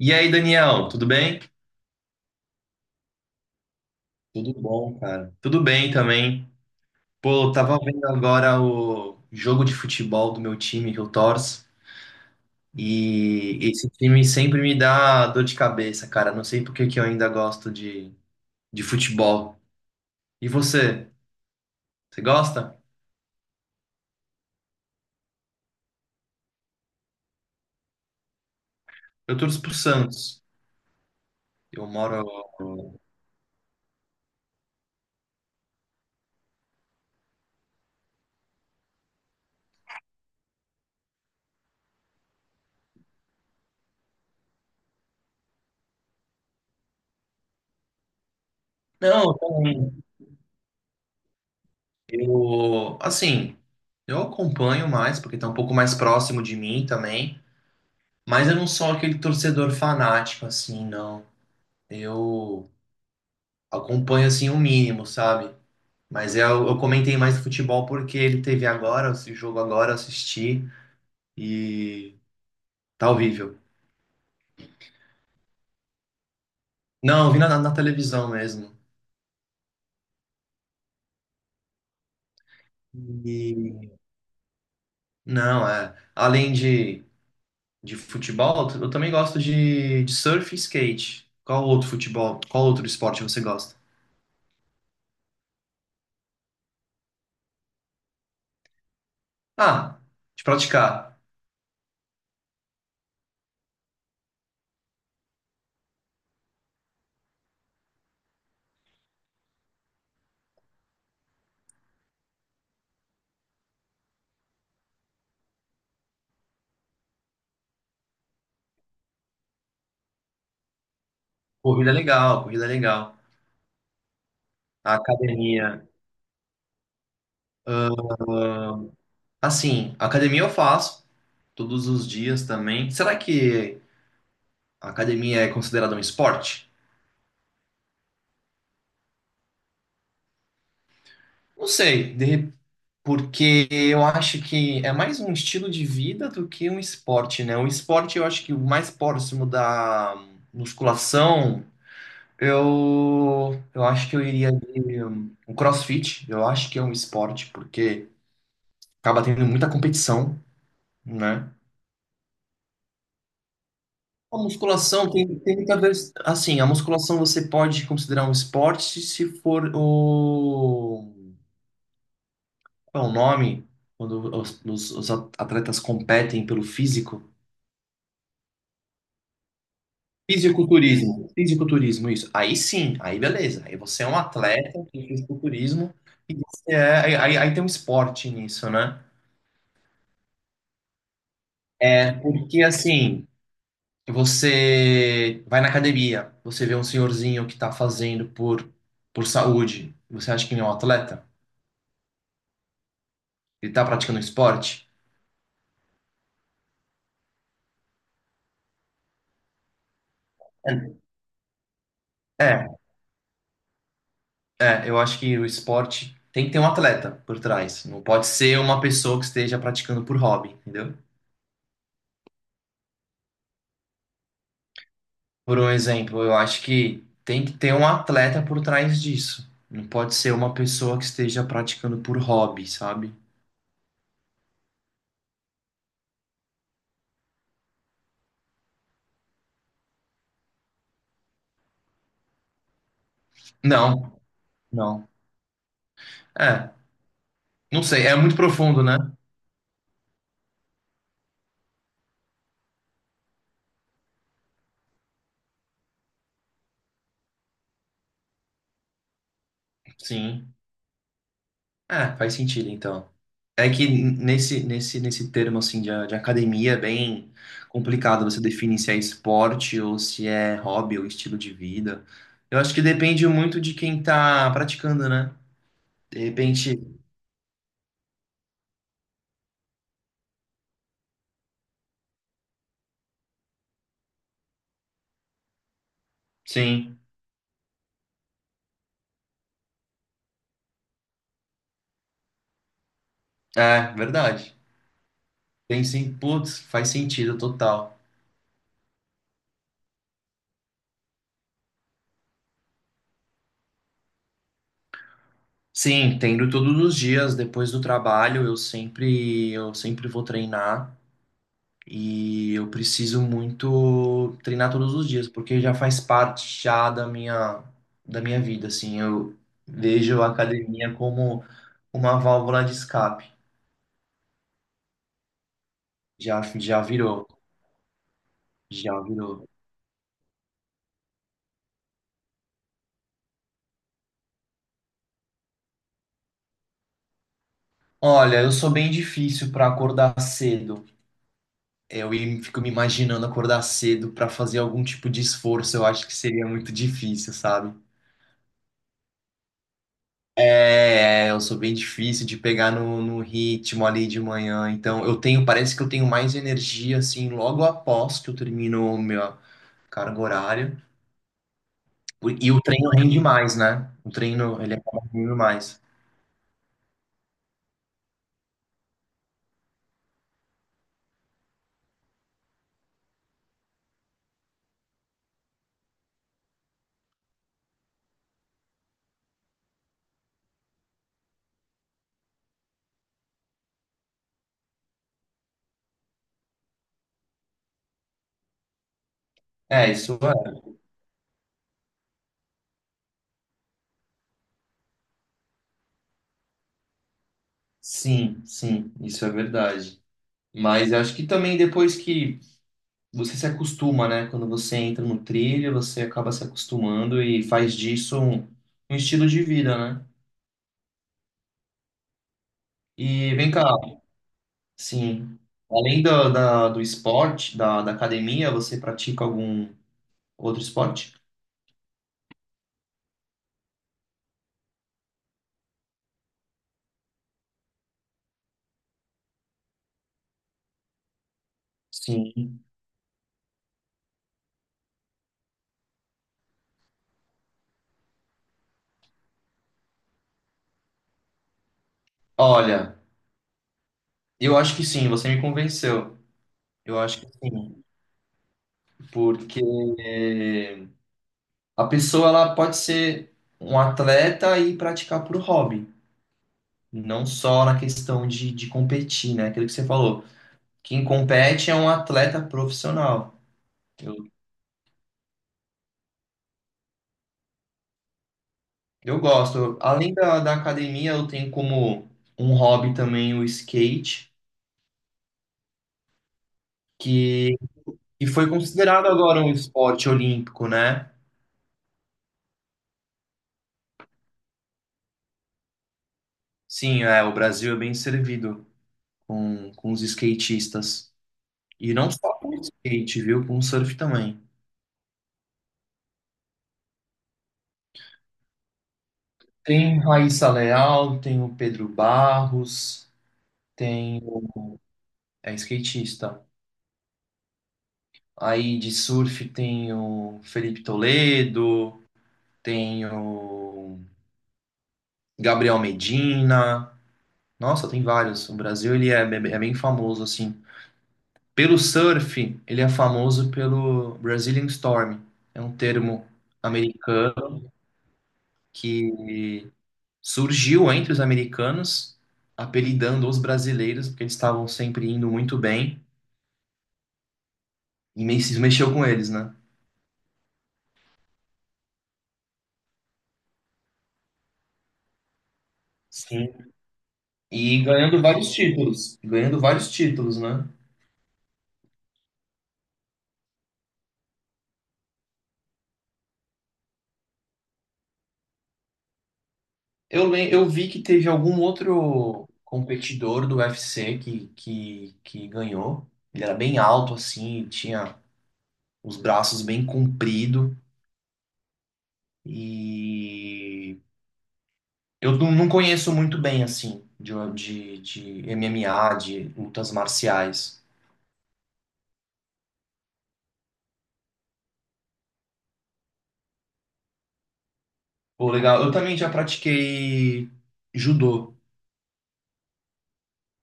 E aí, Daniel, tudo bem? Tudo bom, cara. Tudo bem também. Pô, eu tava vendo agora o jogo de futebol do meu time que eu torço e esse time sempre me dá dor de cabeça, cara. Não sei por que que eu ainda gosto de futebol. E você? Você gosta? Eu torço pro Santos. Eu moro. Não, eu também. Eu, assim, eu acompanho mais, porque tá um pouco mais próximo de mim também, mas eu não sou aquele torcedor fanático, assim, não. Eu acompanho assim o mínimo, sabe? Mas eu comentei mais do futebol porque ele teve agora, esse jogo agora, eu assisti e tá horrível. Não, eu vi na televisão mesmo. E não, é. Além de futebol, eu também gosto de surf e skate. Qual outro futebol, qual outro esporte você gosta? Ah, de praticar. Corrida é legal, corrida é legal. A academia. Assim, academia eu faço. Todos os dias também. Será que a academia é considerada um esporte? Não sei, porque eu acho que é mais um estilo de vida do que um esporte, né? O esporte eu acho que o mais próximo da musculação, eu acho que eu iria de um CrossFit, eu acho que é um esporte, porque acaba tendo muita competição, né? A musculação tem muita vez, assim, a musculação você pode considerar um esporte se for o Qual é o nome quando os atletas competem pelo físico? Fisiculturismo. Fisiculturismo. Isso. Aí sim, aí beleza. Aí você é um atleta de fisiculturismo e você é, aí, aí tem um esporte nisso, né? É porque assim, você vai na academia, você vê um senhorzinho que tá fazendo por saúde. Você acha que ele é um atleta? Ele tá praticando um esporte? É. É. É, eu acho que o esporte tem que ter um atleta por trás. Não pode ser uma pessoa que esteja praticando por hobby, entendeu? Por um exemplo, eu acho que tem que ter um atleta por trás disso. Não pode ser uma pessoa que esteja praticando por hobby, sabe? Não, não. É, não sei, é muito profundo, né? Sim. Ah, faz sentido então. É que nesse termo assim de academia é bem complicado você definir se é esporte ou se é hobby ou estilo de vida. Eu acho que depende muito de quem tá praticando, né? De repente, sim, é verdade. Tem sim, putz, faz sentido total. Sim, tendo todos os dias depois do trabalho, eu sempre vou treinar. E eu preciso muito treinar todos os dias, porque já faz parte já da minha vida, assim. Eu vejo a academia como uma válvula de escape. Já, já virou, já virou. Olha, eu sou bem difícil para acordar cedo. Fico me imaginando acordar cedo para fazer algum tipo de esforço. Eu acho que seria muito difícil, sabe? É, eu sou bem difícil de pegar no ritmo ali de manhã. Então, eu tenho, parece que eu tenho mais energia assim logo após que eu termino o meu carga horária. E o treino rende mais, né? O treino, ele acaba rendendo mais. É, isso é. Sim, isso é verdade. Mas eu acho que também depois que você se acostuma, né? Quando você entra no trilho, você acaba se acostumando e faz disso um, um estilo de vida, né? E vem cá, Sim. Além do, da, do esporte, da, da academia, você pratica algum outro esporte? Sim. Olha, eu acho que sim, você me convenceu. Eu acho que sim, porque a pessoa ela pode ser um atleta e praticar por hobby, não só na questão de competir, né? Aquilo que você falou. Quem compete é um atleta profissional. Eu, eu gosto. Além da academia, eu tenho como um hobby também o skate, que E foi considerado agora um esporte olímpico, né? Sim, é, o Brasil é bem servido com os skatistas. E não só skate, viu? Com o surf também. Tem Raíssa Leal, tem o Pedro Barros, tem o... É skatista. Aí de surf tem o Felipe Toledo, tem o Gabriel Medina. Nossa, tem vários. O Brasil, ele é, é bem famoso, assim. Pelo surf, ele é famoso pelo Brazilian Storm. É um termo americano que surgiu entre os americanos, apelidando os brasileiros, porque eles estavam sempre indo muito bem e se mexeu com eles, né? Sim. E ganhando vários títulos. Ganhando vários títulos, né? Eu vi que teve algum outro competidor do UFC que ganhou. Ele era bem alto, assim, tinha os braços bem compridos. E eu não conheço muito bem, assim, de MMA, de lutas marciais. Pô, legal. Eu também já pratiquei judô,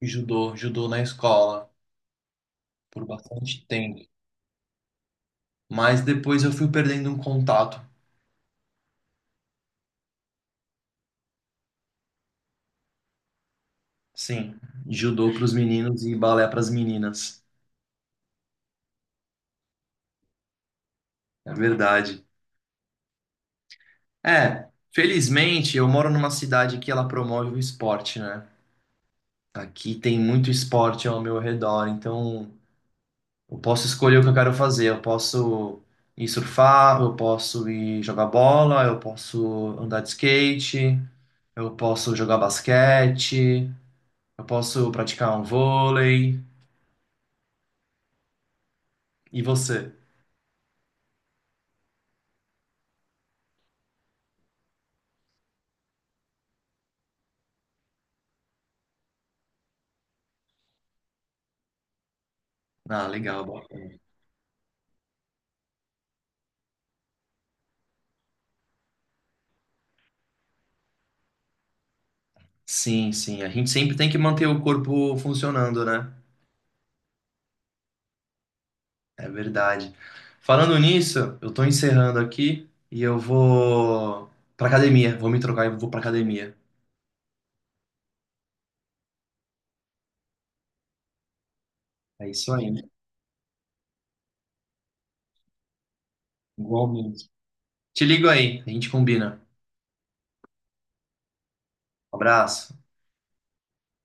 judô na escola por bastante tempo. Mas depois eu fui perdendo um contato. Sim, judô para os meninos e balé para as meninas. É verdade. É, felizmente eu moro numa cidade que ela promove o esporte, né? Aqui tem muito esporte ao meu redor, então eu posso escolher o que eu quero fazer. Eu posso ir surfar, eu posso ir jogar bola, eu posso andar de skate, eu posso jogar basquete, eu posso praticar um vôlei. E você? Ah, legal. Bacana. Sim. A gente sempre tem que manter o corpo funcionando, né? É verdade. Falando nisso, eu tô encerrando aqui e eu vou pra academia. Vou me trocar e vou pra academia. É isso aí. Igualmente. Te ligo aí, a gente combina. Um abraço.